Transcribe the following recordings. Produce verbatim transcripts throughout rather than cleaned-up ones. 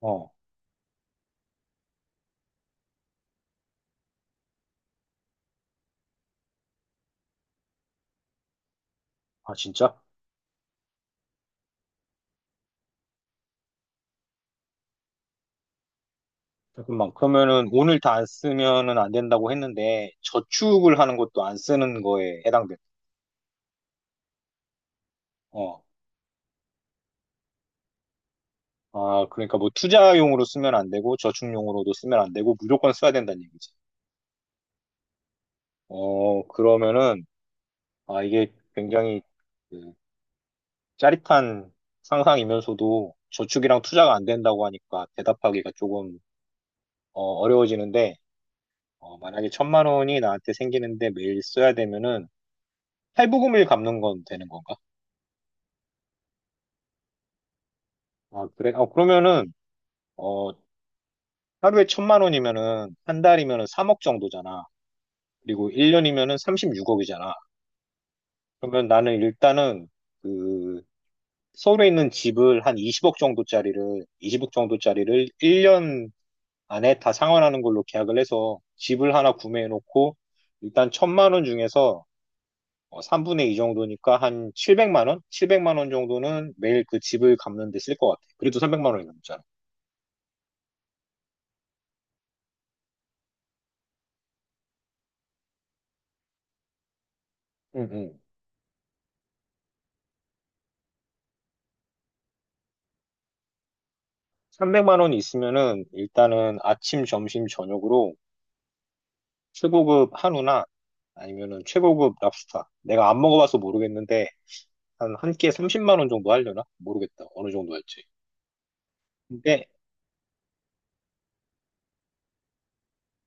어, 아, 진짜? 잠깐만, 그러면은 오늘 다 안 쓰면은 안 된다고 했는데, 저축을 하는 것도 안 쓰는 거에 해당돼? 어, 아, 그러니까 뭐 투자용으로 쓰면 안 되고, 저축용으로도 쓰면 안 되고, 무조건 써야 된다는 얘기지. 어, 그러면은, 아, 이게 굉장히 그, 짜릿한 상상이면서도 저축이랑 투자가 안 된다고 하니까 대답하기가 조금 어, 어려워지는데, 어, 만약에 천만 원이 나한테 생기는데 매일 써야 되면은, 탈부금을 갚는 건 되는 건가? 아, 그래? 어, 그러면은, 어, 하루에 천만 원이면은, 한 달이면은 삼억 정도잖아. 그리고 일 년이면은 삼십육억이잖아. 그러면 나는 일단은, 그, 서울에 있는 집을 한 이십억 정도짜리를, 이십억 정도짜리를 일 년 안에 다 상환하는 걸로 계약을 해서 집을 하나 구매해놓고, 일단 천만 원 중에서 어, 삼분의 이 정도니까 한 칠백만 원? 칠백만 원 정도는 매일 그 집을 갚는 데 쓸 것 같아. 그래도 삼백만 원이 넘잖아. 응, 응. 삼백만 원 있으면은 일단은 아침, 점심, 저녁으로 최고급 한우나 아니면은 최고급 랍스타. 내가 안 먹어봐서 모르겠는데 한 한 끼에 삼십만 원 정도 하려나? 모르겠다. 어느 정도 할지. 근데,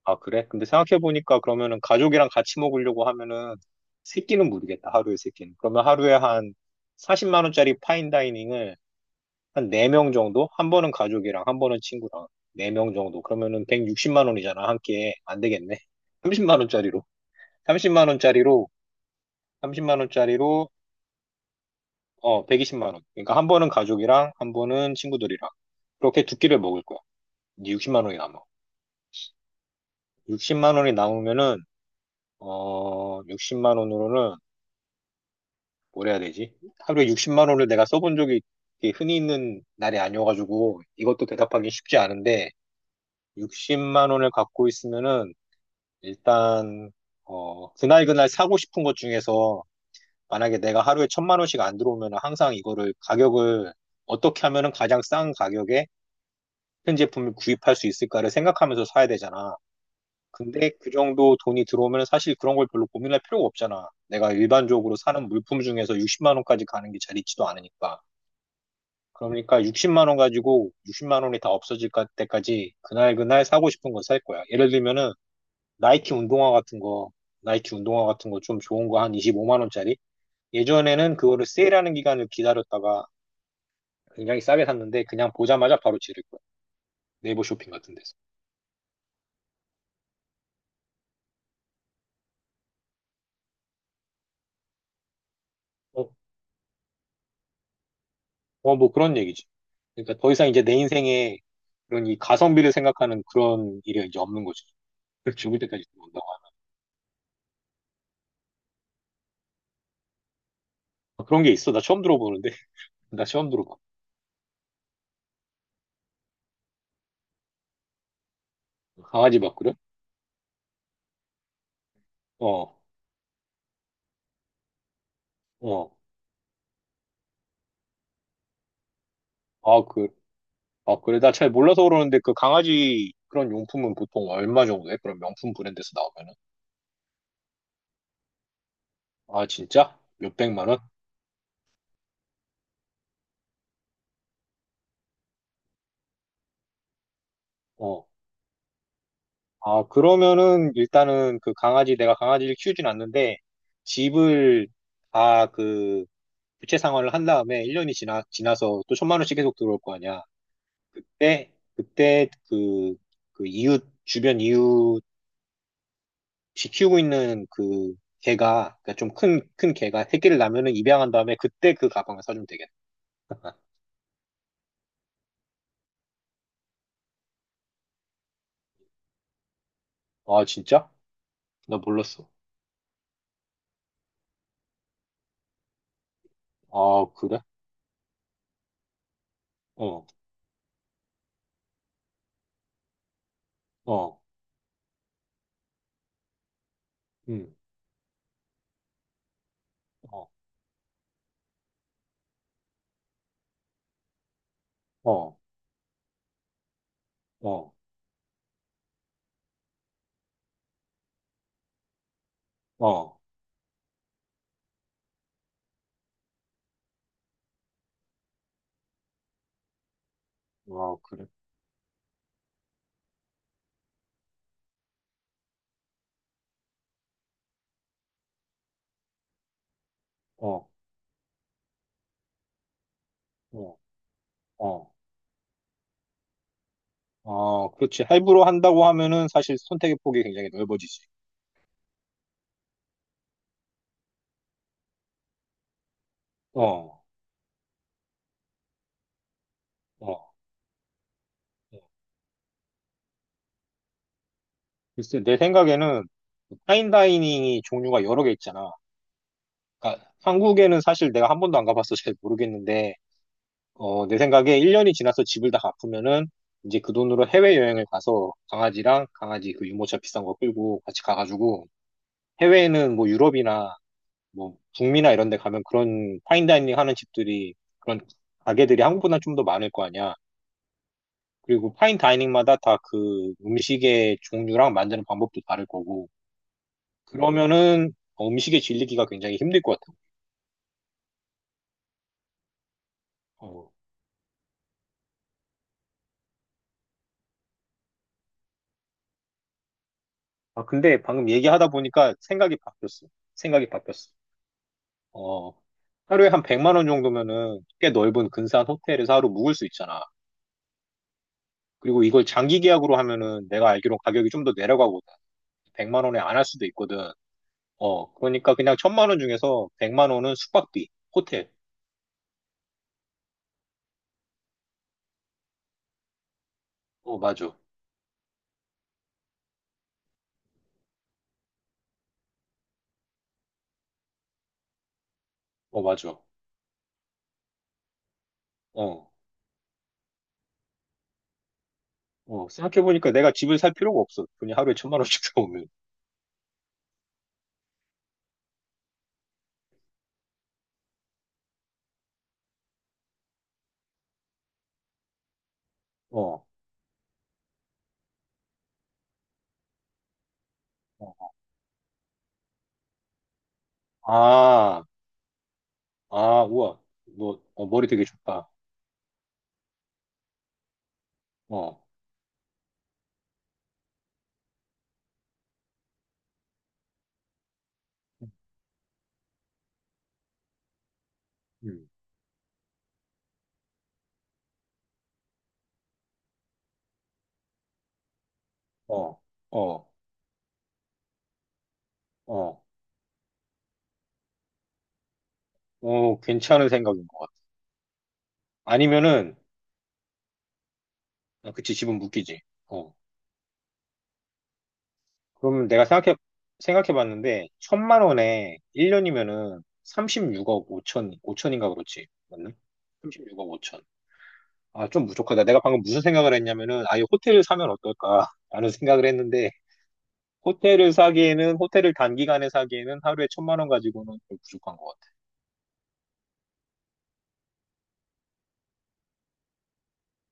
아 그래? 근데 생각해보니까 그러면은 가족이랑 같이 먹으려고 하면은 세 끼는 모르겠다. 하루에 세 끼는. 그러면 하루에 한 사십만 원짜리 파인다이닝을 한 네 명 정도? 한 번은 가족이랑 한 번은 친구랑 네 명 정도. 그러면은 백육십만 원이잖아. 한 끼에. 안 되겠네. 삼십만 원짜리로. 삼십만 원짜리로 삼십만 원짜리로. 어 백이십만 원. 그러니까 한 번은 가족이랑 한 번은 친구들이랑 그렇게 두 끼를 먹을 거야. 이제 육십만 원이 남아. 육십만 원이 남으면은 어 육십만 원으로는 뭘 해야 되지? 하루에 육십만 원을 내가 써본 적이 이렇게 흔히 있는 날이 아니어가지고 이것도 대답하기 쉽지 않은데 육십만 원을 갖고 있으면은 일단 어 그날 그날 사고 싶은 것 중에서, 만약에 내가 하루에 천만 원씩 안 들어오면 항상 이거를 가격을 어떻게 하면은 가장 싼 가격에 큰 제품을 구입할 수 있을까를 생각하면서 사야 되잖아. 근데 그 정도 돈이 들어오면 사실 그런 걸 별로 고민할 필요가 없잖아. 내가 일반적으로 사는 물품 중에서 육십만 원까지 가는 게 잘 있지도 않으니까. 그러니까 육십만 원 가지고 육십만 원이 다 없어질 까- 때까지 그날 그날 사고 싶은 거 살 거야. 예를 들면은 나이키 운동화 같은 거, 나이키 운동화 같은 거 좀 좋은 거 한 이십오만 원짜리. 예전에는 그거를 세일하는 기간을 기다렸다가 굉장히 싸게 샀는데 그냥 보자마자 바로 지를 거야. 네이버 쇼핑 같은 데서. 어, 어, 뭐 그런 얘기지. 그러니까 더 이상 이제 내 인생에 그런 이 가성비를 생각하는 그런 일이 이제 없는 거지. 죽을 때까지 온다고. 아, 그런 게 있어? 나 처음 들어보는데. 나 처음 들어봐. 강아지 바꾸려? 어, 어. 아, 그, 아, 그래. 나 잘 몰라서 그러는데 그 강아지 그런 용품은 보통 얼마 정도 해? 그런 명품 브랜드에서 나오면은. 아, 진짜? 몇백만 원? 어. 아, 그러면은 일단은 그 강아지, 내가 강아지를 키우진 않는데, 집을 다 그 부채 상환을 한 다음에 일 년이 지나, 지나서 또 천만 원씩 계속 들어올 거 아니야. 그때, 그때 그, 그 이웃, 주변 이웃이 키우고 있는 그 개가, 그러니까 좀 큰, 큰 개가 새끼를 낳으면은 입양한 다음에 그때 그 가방을 사주면 되겠다. 아, 진짜? 나 몰랐어. 아, 그래? 어, 어, 음, 어, 어, 어, 어, 아, 그래? 어. 어, 어, 어, 그렇지. 할부로 한다고 하면은 사실 선택의 폭이 굉장히 넓어지지. 어, 어. 어. 글쎄, 내 생각에는 파인다이닝이 종류가 여러 개 있잖아. 그러니까 한국에는 사실 내가 한 번도 안 가봐서 잘 모르겠는데, 어, 내 생각에 일 년이 지나서 집을 다 갚으면은 이제 그 돈으로 해외여행을 가서 강아지랑 강아지 그 유모차 비싼 거 끌고 같이 가가지고, 해외에는 뭐 유럽이나 뭐 북미나 이런 데 가면 그런 파인다이닝 하는 집들이, 그런 가게들이 한국보다 좀 더 많을 거 아니야. 그리고 파인 다이닝마다 다 그 음식의 종류랑 만드는 방법도 다를 거고, 그러면은 음식에 질리기가 굉장히 힘들 것 같아요. 어. 아, 근데 방금 얘기하다 보니까 생각이 바뀌었어. 생각이 바뀌었어. 어, 하루에 한 백만 원 정도면은 꽤 넓은 근사한 호텔에서 하루 묵을 수 있잖아. 그리고 이걸 장기 계약으로 하면은 내가 알기로 가격이 좀 더 내려가거든. 백만 원에 안 할 수도 있거든. 어, 그러니까 그냥 천만 원 중에서 백만 원은 숙박비, 호텔. 어, 맞아. 어, 맞아. 어. 어, 생각해보니까 내가 집을 살 필요가 없어. 그냥 하루에 천만 원씩 들어오면. 어, 어. 아, 아, 우와. 너, 어, 머리 되게 좋다. 어, 음, 음. 어, 어, 어, 어, 괜찮은 생각인 것 같아. 아니면은, 아, 그치, 집은 묶이지. 어. 그러면 내가 생각해, 생각해봤는데, 천만 원에 일 년이면은 삼십육억 오천, 오천인가 그렇지. 맞나? 십육억 오천. 아, 좀 부족하다. 내가 방금 무슨 생각을 했냐면은, 아예 호텔을 사면 어떨까? 라는 생각을 했는데, 호텔을 사기에는, 호텔을 단기간에 사기에는 하루에 천만 원 가지고는 좀 부족한 것 같아.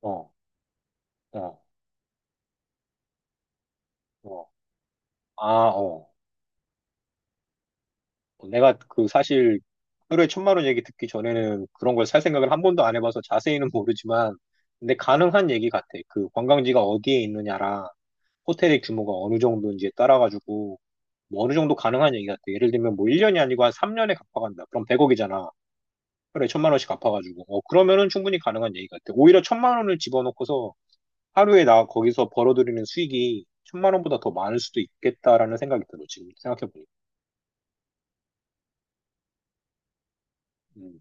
어, 어, 어. 아, 어. 내가 그 사실 하루에 천만 원 얘기 듣기 전에는 그런 걸 살 생각을 한 번도 안 해봐서 자세히는 모르지만, 근데 가능한 얘기 같아. 그 관광지가 어디에 있느냐랑 호텔의 규모가 어느 정도인지에 따라가지고, 뭐 어느 정도 가능한 얘기 같아. 예를 들면 뭐 일 년이 아니고 한 삼 년에 갚아간다. 그럼 백억이잖아. 그래, 천만 원씩 갚아가지고. 어, 그러면은 충분히 가능한 얘기 같아. 오히려 천만 원을 집어넣고서 하루에 나 거기서 벌어들이는 수익이 천만 원보다 더 많을 수도 있겠다라는 생각이 들어, 지금 생각해보니까. 음.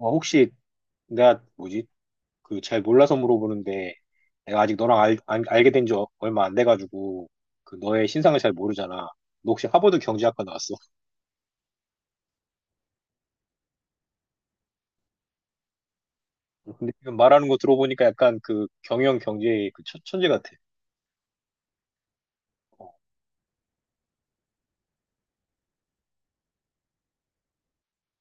어, 혹시 내가 뭐지? 그 잘 몰라서 물어보는데 내가 아직 너랑 알, 알, 알게 된지 얼마 안 돼가지고 그 너의 신상을 잘 모르잖아. 너 혹시 하버드 경제학과 나왔어? 근데 지금 말하는 거 들어보니까 약간 그 경영 경제의 그 천, 천재 같아. 어.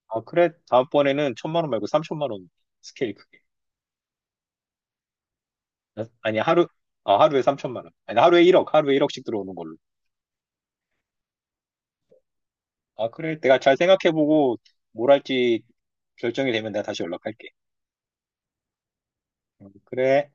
아, 그래? 다음번에는 천만 원 말고 삼천만 원. 스케일 크게. 아니, 하루, 아, 하루에 삼천만 원. 아니, 하루에 일억, 하루에 일억씩 들어오는 걸로. 아, 그래. 내가 잘 생각해보고 뭘 할지 결정이 되면 내가 다시 연락할게. 음, 그래.